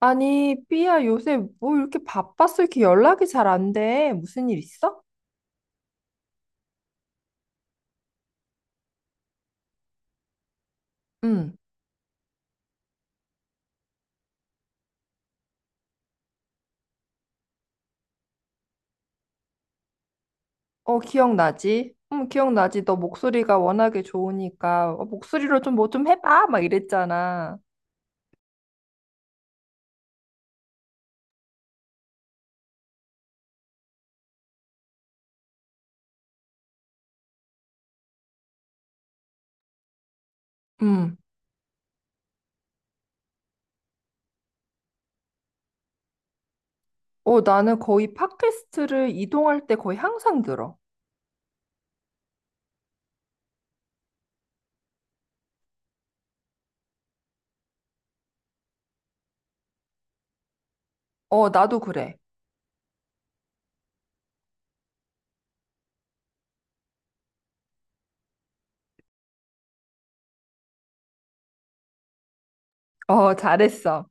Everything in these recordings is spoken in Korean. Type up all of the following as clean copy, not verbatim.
아니, 삐야, 요새 뭐 이렇게 바빴어? 이렇게 연락이 잘 안 돼. 무슨 일 있어? 응. 기억나지? 응, 기억나지. 너 목소리가 워낙에 좋으니까 목소리로 좀 뭐 좀 해봐. 막 이랬잖아. 응. 나는 거의 팟캐스트를 이동할 때 거의 항상 들어. 나도 그래. 어, 잘했어.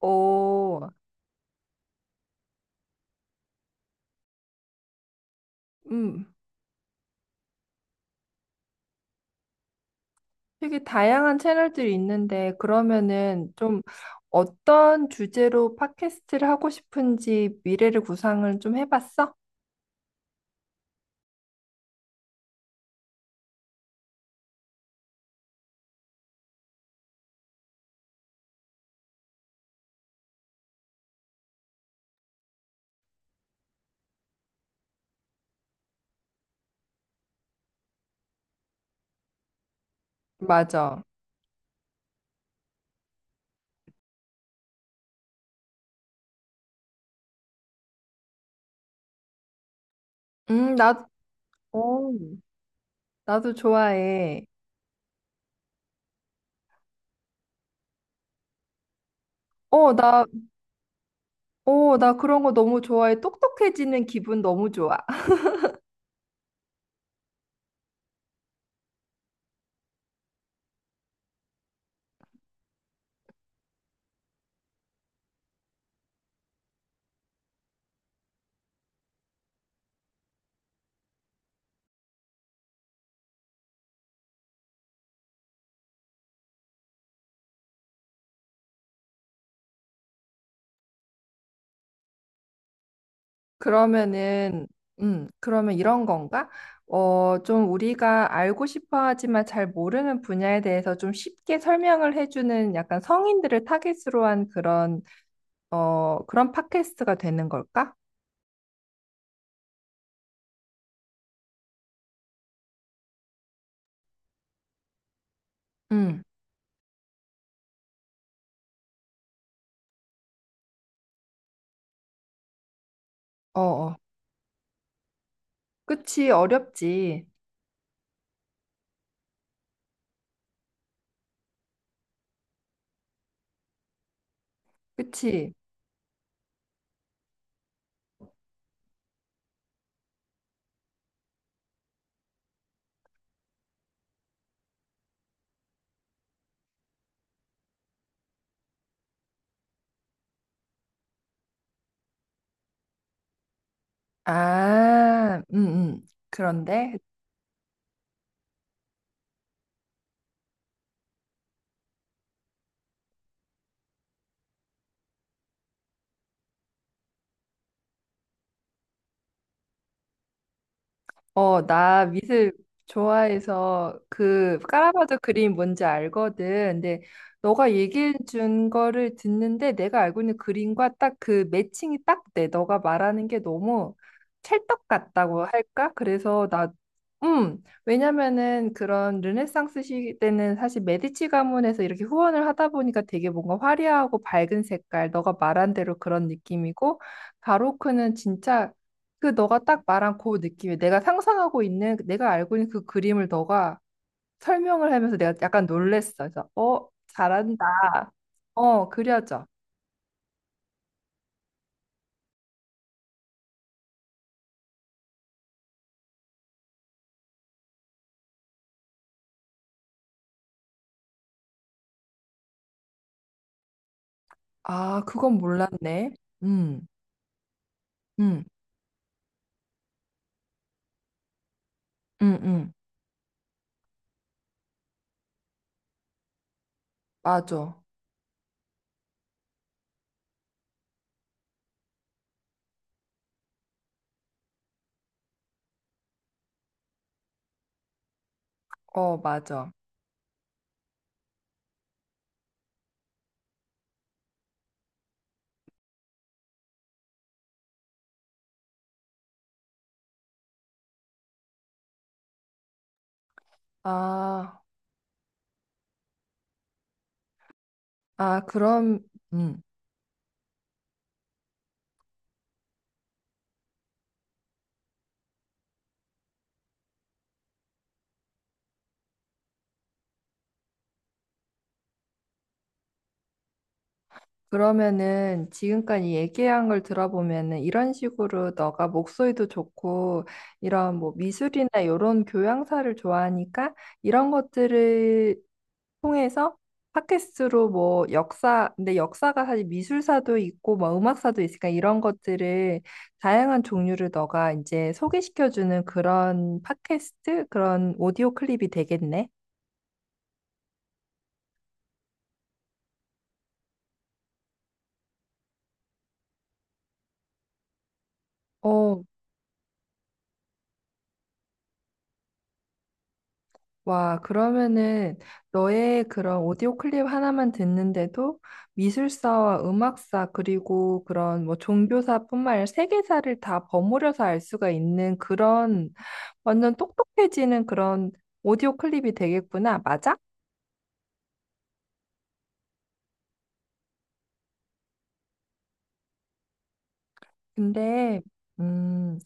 어, 음. 되게 다양한 채널들이 있는데 그러면은 좀 어떤 주제로 팟캐스트를 하고 싶은지 미래를 구상을 좀 해봤어? 맞아. 나, 어, 나도 좋아해. 어, 나, 나 그런 거 너무 좋아해. 똑똑해지는 기분 너무 좋아. 그러면은, 그러면 이런 건가? 좀 우리가 알고 싶어 하지만 잘 모르는 분야에 대해서 좀 쉽게 설명을 해주는 약간 성인들을 타깃으로 한 그런 그런 팟캐스트가 되는 걸까? 응, 어, 어. 그치, 어렵지. 그치. 아, 음. 그런데, 나 미술 좋아해서 그 까라바도 그림 뭔지 알거든. 근데 너가 얘기해 준 거를 듣는데 내가 알고 있는 그림과 딱 그 매칭이 딱 돼. 너가 말하는 게 너무 찰떡 같다고 할까? 그래서 나 왜냐면은 그런 르네상스 시대는 사실 메디치 가문에서 이렇게 후원을 하다 보니까 되게 뭔가 화려하고 밝은 색깔, 너가 말한 대로 그런 느낌이고, 바로크는 진짜 그 너가 딱 말한 그 느낌이 내가 상상하고 있는 그 내가 알고 있는 그 그림을 너가 설명을 하면서 내가 약간 놀랬어. 그래서 어 잘한다. 어 그려져. 아 그건 몰랐네. 음, 음, 음, 음. 맞아. 어 맞아. 아, 아 그럼 음. 그러면은 지금까지 얘기한 걸 들어보면은 이런 식으로 너가 목소리도 좋고 이런 뭐 미술이나 이런 교양사를 좋아하니까 이런 것들을 통해서 팟캐스트로 뭐 역사, 근데 역사가 사실 미술사도 있고 뭐 음악사도 있으니까 이런 것들을 다양한 종류를 너가 이제 소개시켜주는 그런 팟캐스트, 그런 오디오 클립이 되겠네. 어, 와, 그러면은 너의 그런 오디오 클립 하나만 듣는데도 미술사와 음악사 그리고 그런 뭐 종교사뿐만 아니라 세계사를 다 버무려서 알 수가 있는 그런 완전 똑똑해지는 그런 오디오 클립이 되겠구나. 맞아? 근데 음.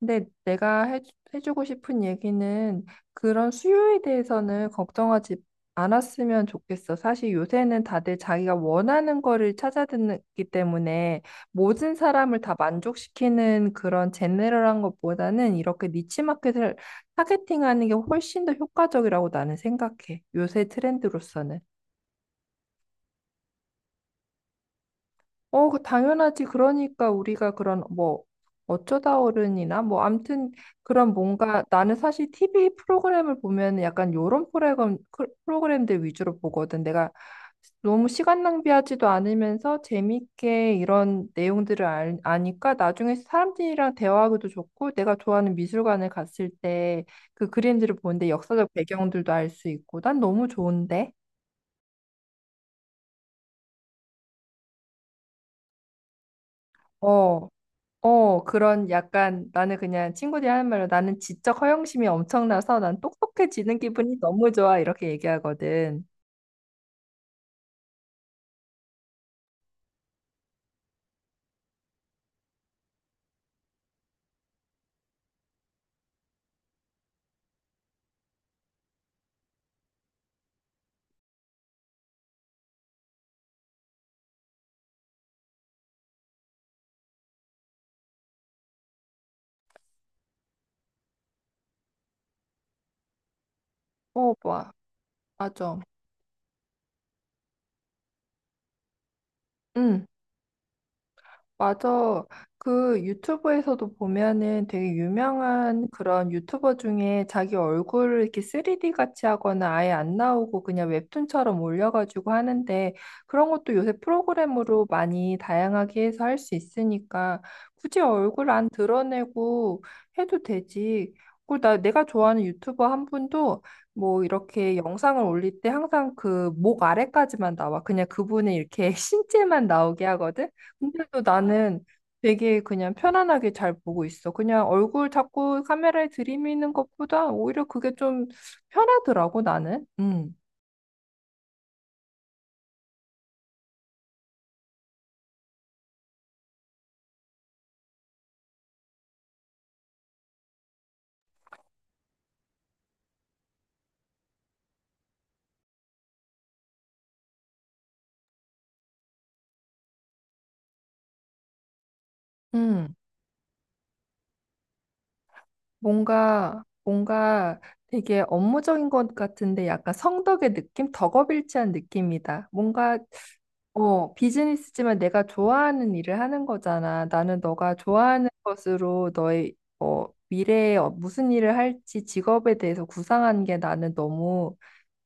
근데 내가 해, 해주고 싶은 얘기는 그런 수요에 대해서는 걱정하지 않았으면 좋겠어. 사실 요새는 다들 자기가 원하는 거를 찾아듣기 때문에 모든 사람을 다 만족시키는 그런 제네럴한 것보다는 이렇게 니치 마켓을 타겟팅하는 게 훨씬 더 효과적이라고 나는 생각해. 요새 트렌드로서는. 그 당연하지. 그러니까 우리가 그런 뭐 어쩌다 어른이나 뭐 암튼 그런 뭔가 나는 사실 TV 프로그램을 보면 약간 요런 프로그램, 프로그램들 위주로 보거든. 내가 너무 시간 낭비하지도 않으면서 재밌게 이런 내용들을 아니까 나중에 사람들이랑 대화하기도 좋고 내가 좋아하는 미술관에 갔을 때 그 그림들을 보는데 역사적 배경들도 알 수 있고 난 너무 좋은데. 어. 그런 약간 나는 그냥 친구들이 하는 말로 나는 지적 허영심이 엄청나서 난 똑똑해지는 기분이 너무 좋아. 이렇게 얘기하거든. 어, 뭐, 맞아. 응. 맞아. 그 유튜브에서도 보면은 되게 유명한 그런 유튜버 중에 자기 얼굴을 이렇게 3D 같이 하거나 아예 안 나오고 그냥 웹툰처럼 올려가지고 하는데 그런 것도 요새 프로그램으로 많이 다양하게 해서 할 수 있으니까 굳이 얼굴 안 드러내고 해도 되지. 그리고 나 내가 좋아하는 유튜버 한 분도 뭐 이렇게 영상을 올릴 때 항상 그 목 아래까지만 나와. 그냥 그분의 이렇게 신체만 나오게 하거든. 근데도 나는 되게 그냥 편안하게 잘 보고 있어. 그냥 얼굴 자꾸 카메라에 들이미는 것보다 오히려 그게 좀 편하더라고, 나는. 음. 음. 뭔가, 뭔가 되게 업무적인 것 같은데 약간 성덕의 느낌? 덕업일치한 느낌이다. 뭔가, 비즈니스지만 내가 좋아하는 일을 하는 거잖아. 나는 너가 좋아하는 것으로 너의, 미래에 무슨 일을 할지 직업에 대해서 구상한 게 나는 너무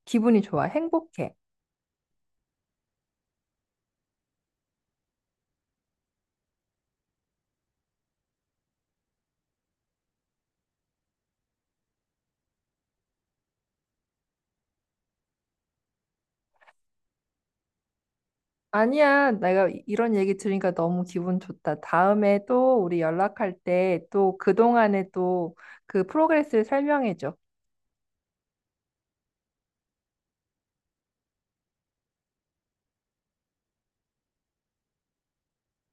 기분이 좋아. 행복해. 아니야. 내가 이런 얘기 들으니까 너무 기분 좋다. 다음에 또 우리 연락할 때 또 그동안에 또 그 프로그레스를 설명해줘.